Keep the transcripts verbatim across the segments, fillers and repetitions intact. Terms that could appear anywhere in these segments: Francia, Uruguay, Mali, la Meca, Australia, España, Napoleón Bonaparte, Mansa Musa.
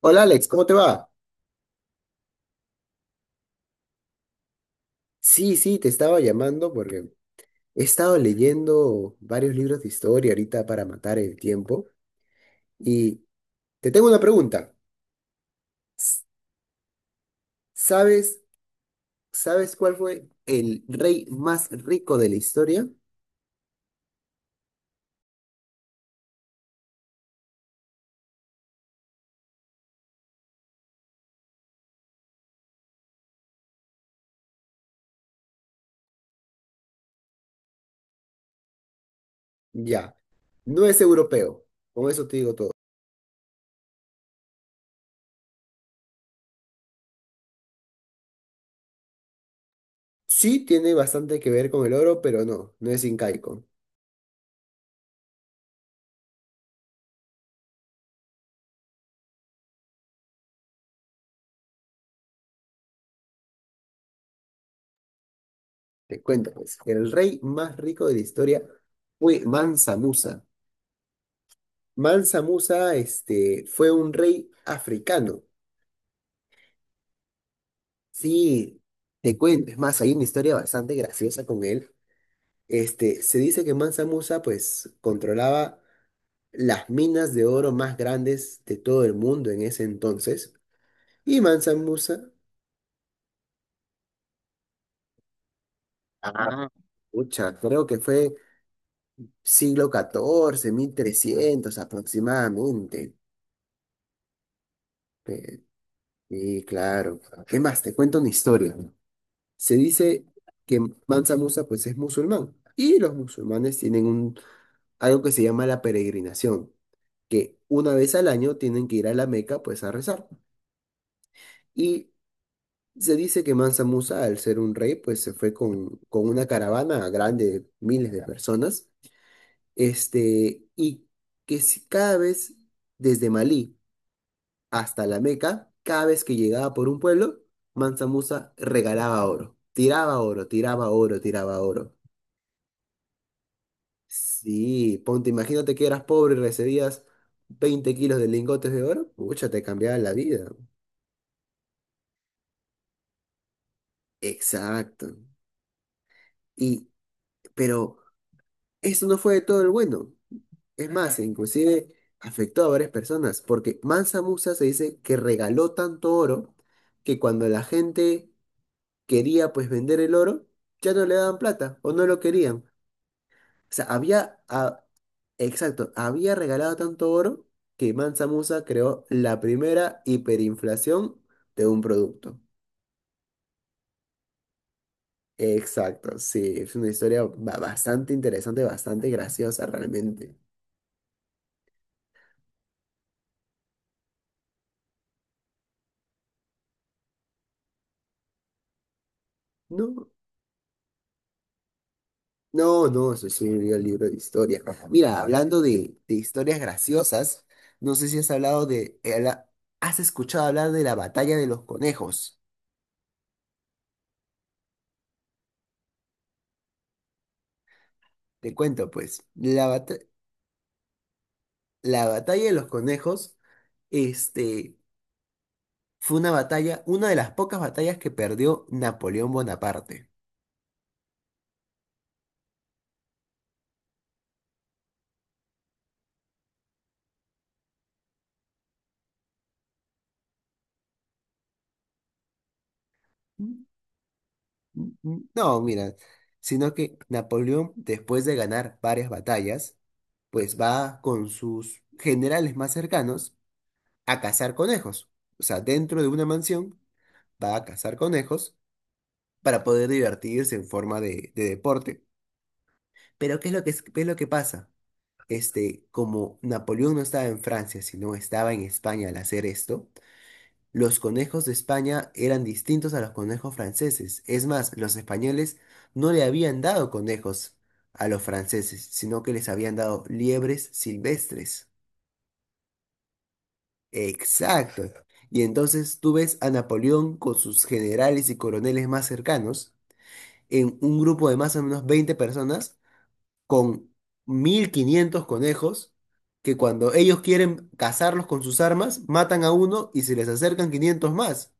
Hola Alex, ¿cómo te va? Sí, sí, te estaba llamando porque he estado leyendo varios libros de historia ahorita para matar el tiempo y te tengo una pregunta. S- ¿Sabes, sabes cuál fue el rey más rico de la historia? Ya, no es europeo, con eso te digo todo. Sí, tiene bastante que ver con el oro, pero no, no es incaico. Te cuento pues, el rey más rico de la historia fue Mansa Musa Mansa Musa, este, fue un rey africano. Sí, te cuento. Es más, hay una historia bastante graciosa con él. Este, se dice que Mansa Musa, pues, controlaba las minas de oro más grandes de todo el mundo en ese entonces. Y Mansa Musa, Ah, pucha, creo que fue siglo catorce, mil trescientos aproximadamente. Eh, Sí, claro. ¿Qué más? Te cuento una historia. Se dice que Mansa Musa pues es musulmán y los musulmanes tienen un, algo que se llama la peregrinación, que una vez al año tienen que ir a la Meca pues a rezar. Y se dice que Mansa Musa al ser un rey pues se fue con, con una caravana grande de miles de personas, este, y que si cada vez desde Malí hasta la Meca, cada vez que llegaba por un pueblo, Mansa Musa regalaba oro, tiraba oro, tiraba oro, tiraba oro. Sí, ponte, imagínate que eras pobre y recibías veinte kilos de lingotes de oro, pucha, te cambiaba la vida. Exacto. Y, pero eso no fue de todo el bueno. Es más, inclusive afectó a varias personas, porque Mansa Musa se dice que regaló tanto oro que cuando la gente quería pues vender el oro, ya no le daban plata o no lo querían. O sea, había, ah, exacto, había regalado tanto oro que Mansa Musa creó la primera hiperinflación de un producto. Exacto, sí, es una historia ba- bastante interesante, bastante graciosa realmente. No, no, no, eso sí, un libro de historia. Mira, hablando de, de historias graciosas, no sé si has hablado de, eh, la- has escuchado hablar de la batalla de los conejos. Te cuento, pues, la, bata- la batalla de los conejos, este... Fue una batalla, una de las pocas batallas que perdió Napoleón Bonaparte. Mm, mm, mm. No, mira, sino que Napoleón, después de ganar varias batallas, pues va con sus generales más cercanos a cazar conejos. O sea, dentro de una mansión va a cazar conejos para poder divertirse en forma de, de deporte. Pero ¿qué es lo que, es qué es lo que pasa? Este, como Napoleón no estaba en Francia, sino estaba en España al hacer esto, los conejos de España eran distintos a los conejos franceses. Es más, los españoles no le habían dado conejos a los franceses, sino que les habían dado liebres silvestres. Exacto. Y entonces tú ves a Napoleón con sus generales y coroneles más cercanos en un grupo de más o menos veinte personas con mil quinientos conejos que cuando ellos quieren cazarlos con sus armas, matan a uno y se les acercan quinientos más.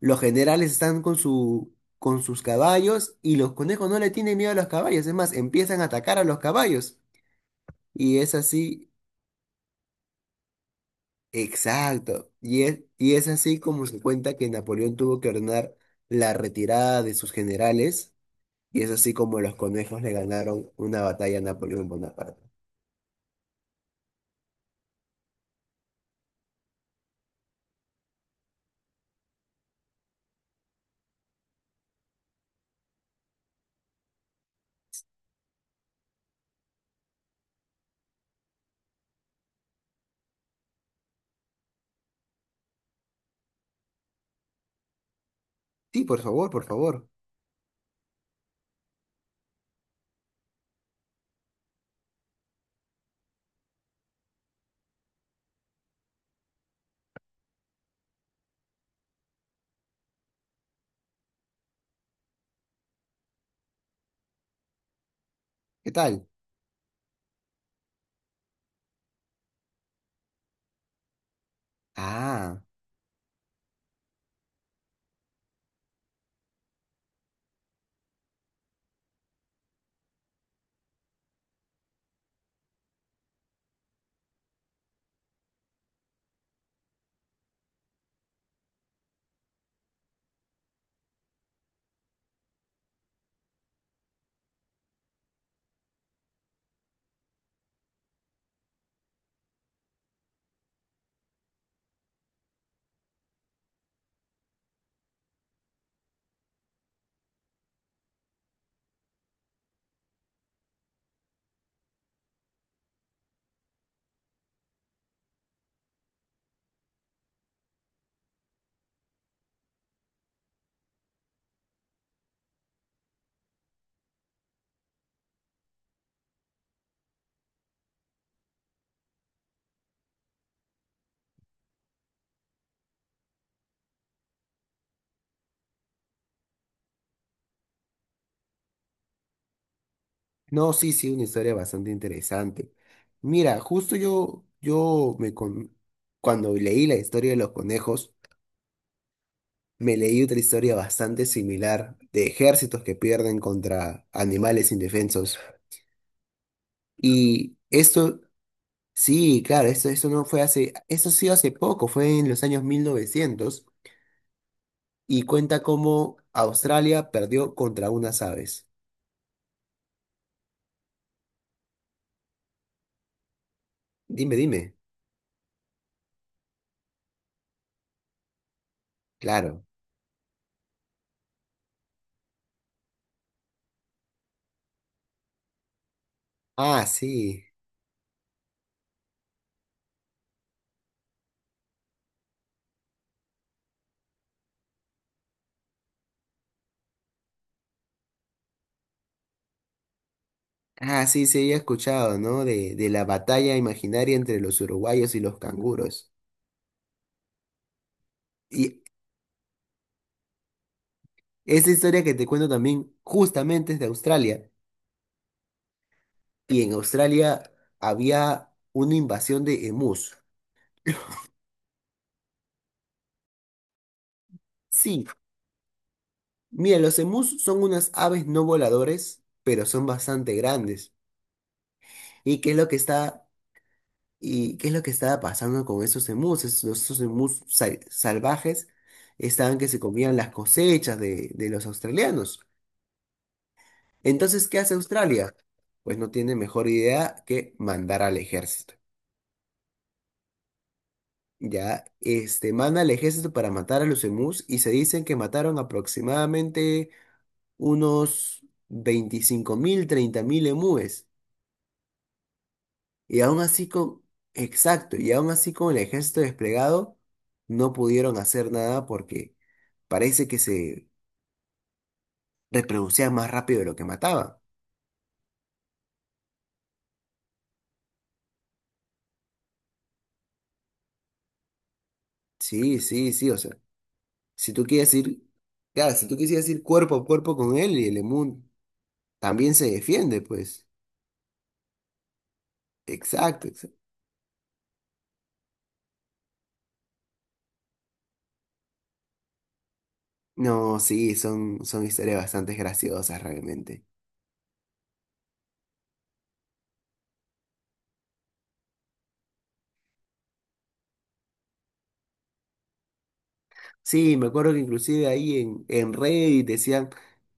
Los generales están con su, con sus caballos y los conejos no le tienen miedo a los caballos. Es más, empiezan a atacar a los caballos. Y es así, exacto. Y es, y es así como se cuenta que Napoleón tuvo que ordenar la retirada de sus generales. Y es así como los conejos le ganaron una batalla a Napoleón Bonaparte. Sí, por favor, por favor. ¿Qué tal? Ah. No, sí, sí, una historia bastante interesante. Mira, justo yo, yo me con... cuando leí la historia de los conejos, me leí otra historia bastante similar de ejércitos que pierden contra animales indefensos. Y esto, sí, claro, esto, esto no fue hace, esto sí hace poco, fue en los años mil novecientos y cuenta cómo Australia perdió contra unas aves. Dime, dime. Claro. Ah, sí. Ah, sí, se había escuchado, ¿no? De, de la batalla imaginaria entre los uruguayos y los canguros. Y esa historia que te cuento también justamente es de Australia. Y en Australia había una invasión de emus. Sí, mira, los emus son unas aves no voladores, pero son bastante grandes. ¿Y qué es lo que está, y qué es lo que estaba pasando con esos emus? Esos, esos emus sa- salvajes estaban que se comían las cosechas de, de los australianos. Entonces, ¿qué hace Australia? Pues no tiene mejor idea que mandar al ejército. Ya, este, manda al ejército para matar a los emús y se dicen que mataron aproximadamente unos veinticinco mil, treinta mil emúes. Y aún así con, exacto, y aún así con el ejército desplegado, no pudieron hacer nada porque parece que se reproducían más rápido de lo que mataban. Sí, sí, sí, o sea, Si tú quieres ir, claro, si tú quisieras ir cuerpo a cuerpo con él y el Emun también se defiende, pues. Exacto, exacto. No, sí, son, son historias bastante graciosas realmente. Sí, me acuerdo que inclusive ahí en, en Reddit decían,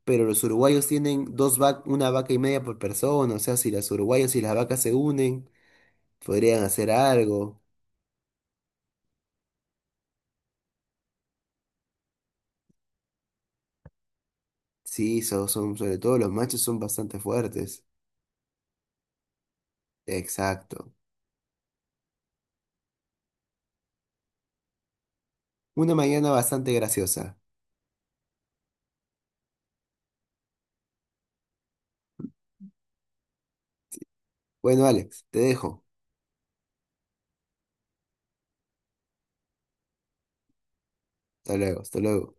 pero los uruguayos tienen dos vac una vaca y media por persona, o sea, si los uruguayos y las vacas se unen, podrían hacer algo. Sí, son, son, sobre todo los machos son bastante fuertes. Exacto. Una mañana bastante graciosa. Bueno, Alex, te dejo. Hasta luego, hasta luego.